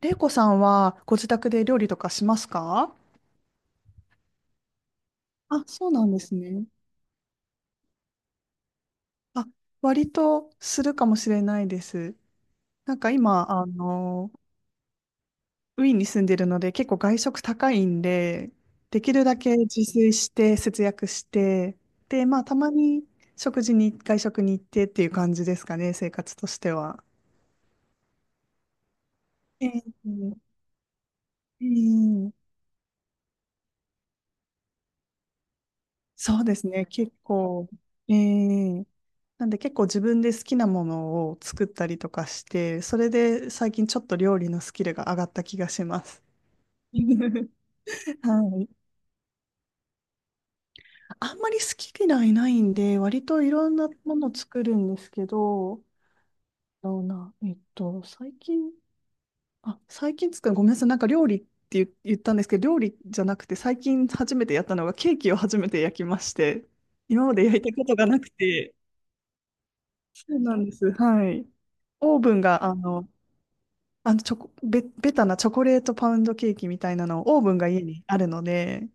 玲子さんはご自宅で料理とかしますか？あ、そうなんですね。あ、割とするかもしれないです。なんか今、ウィーンに住んでるので結構外食高いんで、できるだけ自炊して節約して、で、まあたまに食事に、外食に行ってっていう感じですかね、生活としては。ええ、ええ、そうですね、結構。ええ、なんで結構自分で好きなものを作ったりとかして、それで最近ちょっと料理のスキルが上がった気がします。はい。あんまり好き嫌いないんで、割といろんなもの作るんですけど、どうな、えっと、最近、あ、最近作る、ごめんなさい、なんか料理って言ったんですけど、料理じゃなくて、最近初めてやったのがケーキを初めて焼きまして、今まで焼いたことがなくて、そうなんです。はい。オーブンが、あの、あの、チョコ、ベベタなチョコレートパウンドケーキみたいなのをオーブンが家にあるので、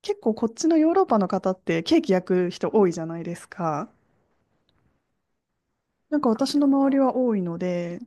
結構こっちのヨーロッパの方ってケーキ焼く人多いじゃないですか。なんか私の周りは多いので、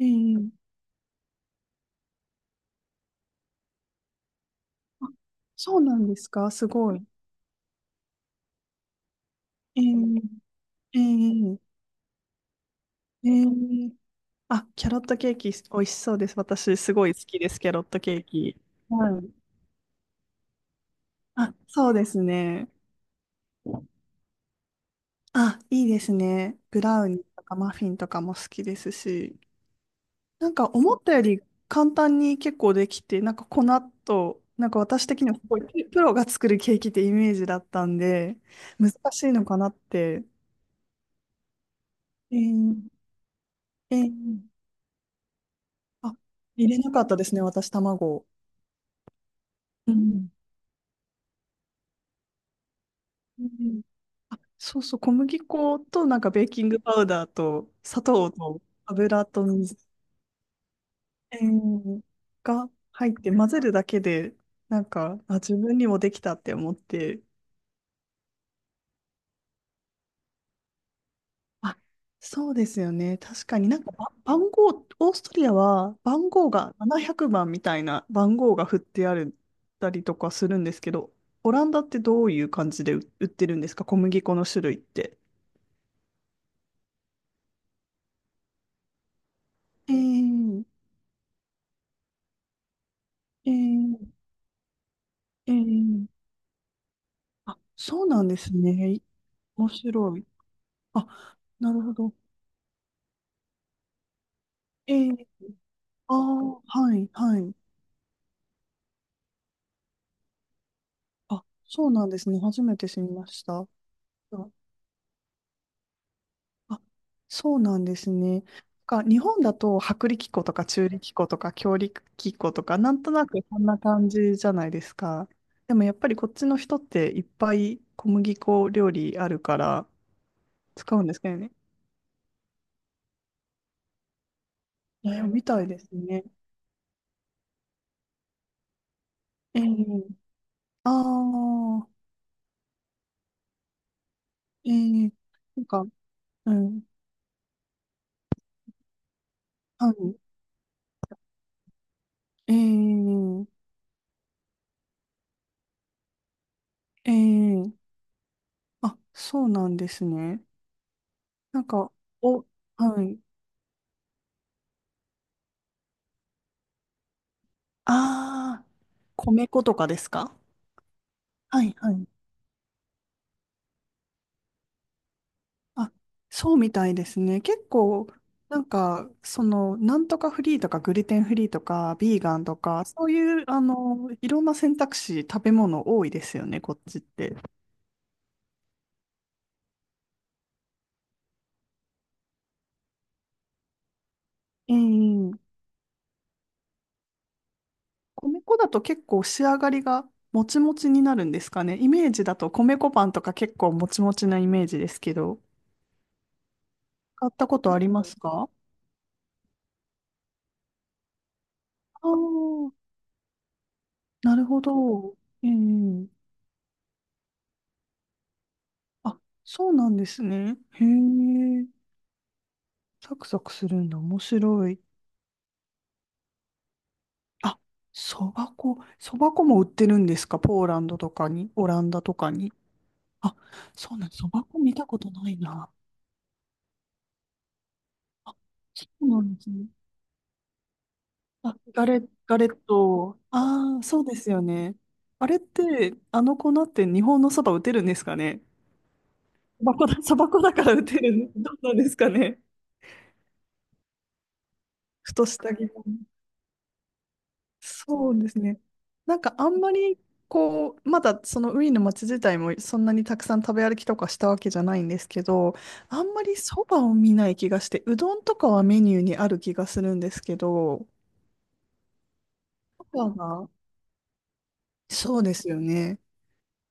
ええ、あ、そうなんですか、すごい。ええ、ええ、ええ、あ、キャロットケーキ美味しそうです。私すごい好きです、キャロットケーキ。はい。あ、そうですね。あ、いいですね。ブラウニーとかマフィンとかも好きですし。なんか思ったより簡単に結構できて、なんか粉と、なんか私的にはすごいプロが作るケーキってイメージだったんで、難しいのかなって。えー、えー、あ、入れなかったですね、私、卵。うん。うん、あ、そうそう、小麦粉となんかベーキングパウダーと砂糖と油と水、えー、が入って混ぜるだけで、なんか、あ、自分にもできたって思って、あ、そうですよね。確かになんか番号、オーストリアは番号が700番みたいな番号が振ってあるたりとかするんですけど、オランダってどういう感じで売ってるんですか、小麦粉の種類って。えー、えー、えー、あ、そうなんですね。面白い。あ、なるほど。えー、ああ、はい、はい。あ、そうなんですね。初めて知りました。あ、そうなんですね。か、日本だと薄力粉とか中力粉とか強力粉とかなんとなくこんな感じじゃないですか。でもやっぱりこっちの人っていっぱい小麦粉料理あるから使うんですけどね。えー、みたいですね。えー、ああ、えー、なんか、うん、はい、えー、えー、あ、そうなんですね。なんか、お、はい、ああ、米粉とかですか？はい、はい。あ、そうみたいですね。結構、なんか、その、なんとかフリーとか、グルテンフリーとか、ビーガンとか、そういう、あの、いろんな選択肢、食べ物多いですよね、こっちって。ええ、米粉だと結構仕上がりがもちもちになるんですかね。イメージだと米粉パンとか結構もちもちなイメージですけど、買ったことありますか？ああー、なるほど。ええ、あ、そうなんですね。へえ。サクサクするんだ。面白い。あ、そば粉。そば粉も売ってるんですか、ポーランドとかに、オランダとかに。あ、そうなん、そば粉見たことないな。あ、そうなんですね。あ、ガレ、ガレット。ああ、そうですよね。あれって、あの粉って日本のそば打てるんですかね。そば粉だ、そば粉だから打てる。どうなんですかね。ふとした疑問。そうですね。なんかあんまりこう、まだそのウィーンの街自体もそんなにたくさん食べ歩きとかしたわけじゃないんですけど、あんまりそばを見ない気がして、うどんとかはメニューにある気がするんですけど、そばが、そうですよね。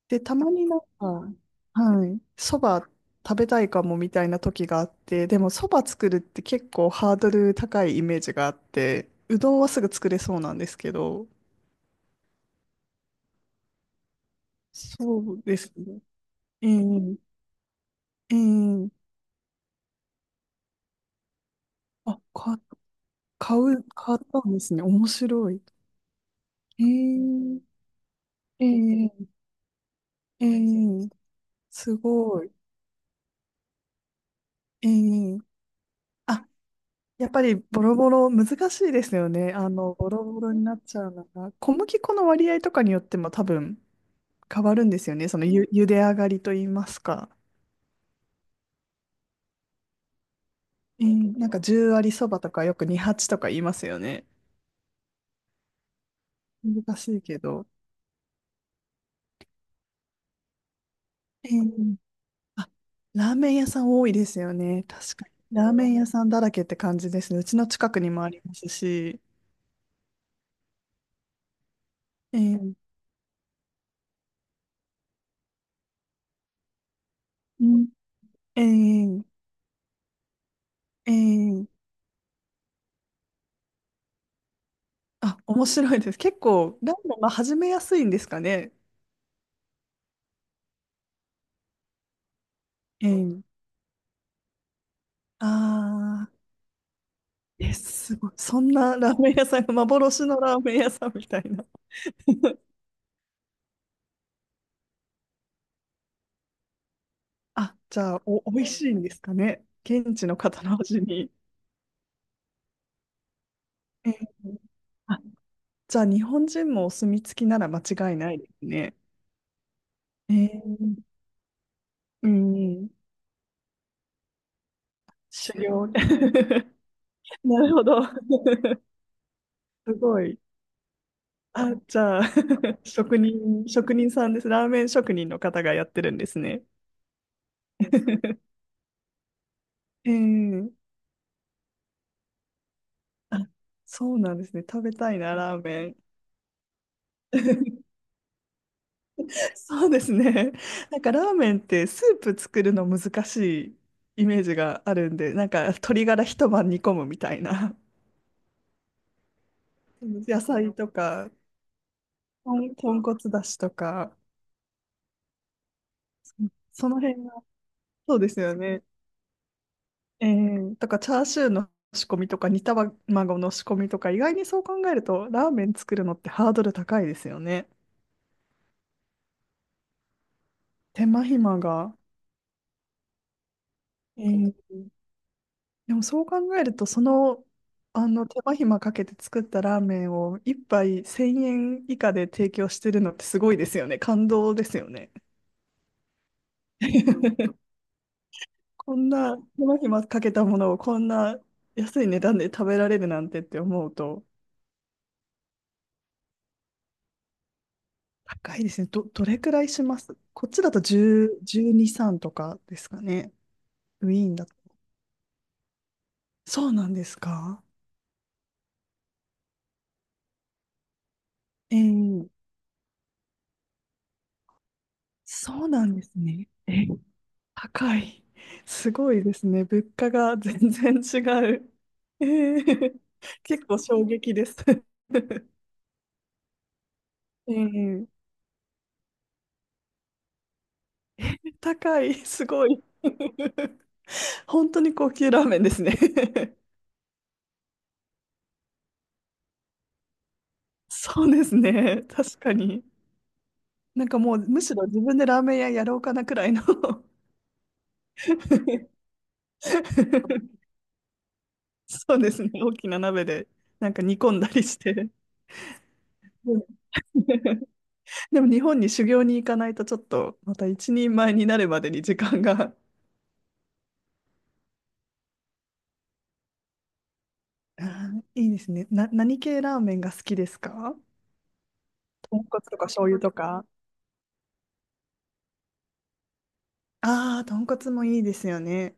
で、たまになんか、はい、そば食べたいかもみたいな時があって、でもそば作るって結構ハードル高いイメージがあって、うどんはすぐ作れそうなんですけど、そうですね。ええ、ええ、あ、か、買う、買ったんですね。面白い。ええ、ええ、ええ、すごい。ええ、あ、やっぱりボロボロ、難しいですよね。あの、ボロボロになっちゃうのが。小麦粉の割合とかによっても多分変わるんですよね。そのゆ、茹で上がりと言いますか。ええ、なんか10割そばとかよく28とか言いますよね。難しいけど。ええ、あ、ラーメン屋さん多いですよね。確かに。ラーメン屋さんだらけって感じですね。うちの近くにもありますし。えー、うん、えー、えー、あ、面白いです。結構、ラーメン、まあ、始めやすいんですかね。えー、あー、え、すごい。そんなラーメン屋さんが幻のラーメン屋さんみたいな。あ、じゃあ、お、美味しいんですかね。現地の方の味に。えー、あ、じゃあ、日本人もお墨付きなら間違いないですね。えー、うん、修行。なるほど。すごい。あ、じゃあ、職人、職人さんです。ラーメン職人の方がやってるんですね。ええ、あ、そうなんですね。食べたいな、ラーメン。そうですね。なんかラーメンってスープ作るの難しいイメージがあるんで、なんか鶏ガラ一晩煮込むみたいな。野菜とか、豚骨だしとか、そ、その辺が、そうですよね。ええ、とか、チャーシューの仕込みとか、煮卵の仕込みとか、意外にそう考えると、ラーメン作るのってハードル高いですよね。手間暇が。ええ、でもそう考えると、その、あの手間暇かけて作ったラーメンを一杯1000円以下で提供してるのってすごいですよね。感動ですよね。こんな手間暇かけたものをこんな安い値段で食べられるなんてって思うと、高いですね。ど、どれくらいしますこっちだと10、12、3とかですかね。ウィーンだと。そうなんですか？ええ、そうなんですね。え、高い。すごいですね。物価が全然違う。ええ、結構衝撃です。ええ、高い。すごい。本当に高級ラーメンですね。そうですね。確かに。なんかもうむしろ自分でラーメン屋やろうかなくらいの。 そうですね。大きな鍋でなんか煮込んだりして。うん。 でも日本に修行に行かないとちょっとまた一人前になるまでに時間が。あー、いいですね。な、何系ラーメンが好きですか？豚骨とか醤油とか。ああ、豚骨もいいですよね。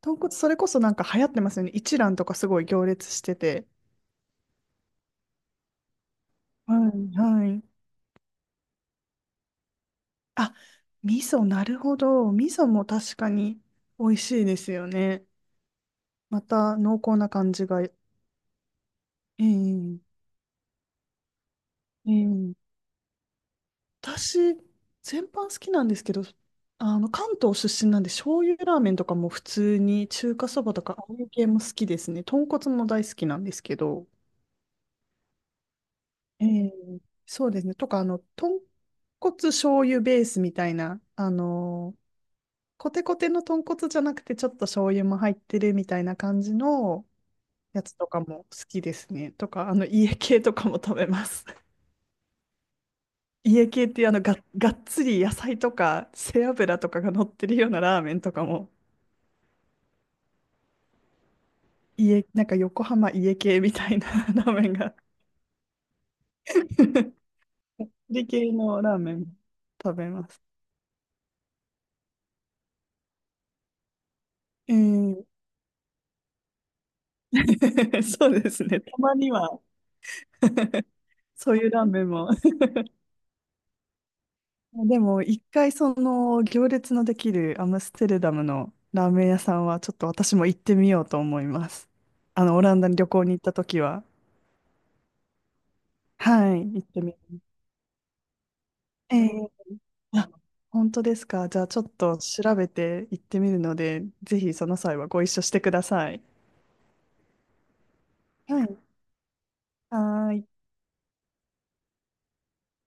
豚骨それこそなんか流行ってますよね。一蘭とかすごい行列してて。はい、はい。あ、味噌、なるほど。味噌も確かに美味しいですよね。また濃厚な感じが。ええ、ええ、私、全般好きなんですけど、あの、関東出身なんで、醤油ラーメンとかも普通に、中華そばとか、ああいう系も好きですね。豚骨も大好きなんですけど、ええ、そうですね。とか、あの、豚骨醤油ベースみたいな、あの、コテコテの豚骨じゃなくて、ちょっと醤油も入ってるみたいな感じのやつとかも好きですね。とか、あの、家系とかも食べます。家系っていうあのが、がっつり野菜とか背脂とかが乗ってるようなラーメンとかも家、なんか横浜家系みたいな ラーメンが 家系のラーメンも食べます。えー、そうですね。たまには そういうラーメンもでも一回その行列のできるアムステルダムのラーメン屋さんはちょっと私も行ってみようと思います。あのオランダに旅行に行った時は。はい、行ってみよう。え、あ、本当ですか。じゃあちょっと調べて行ってみるので、ぜひその際はご一緒してください。はい。はーい。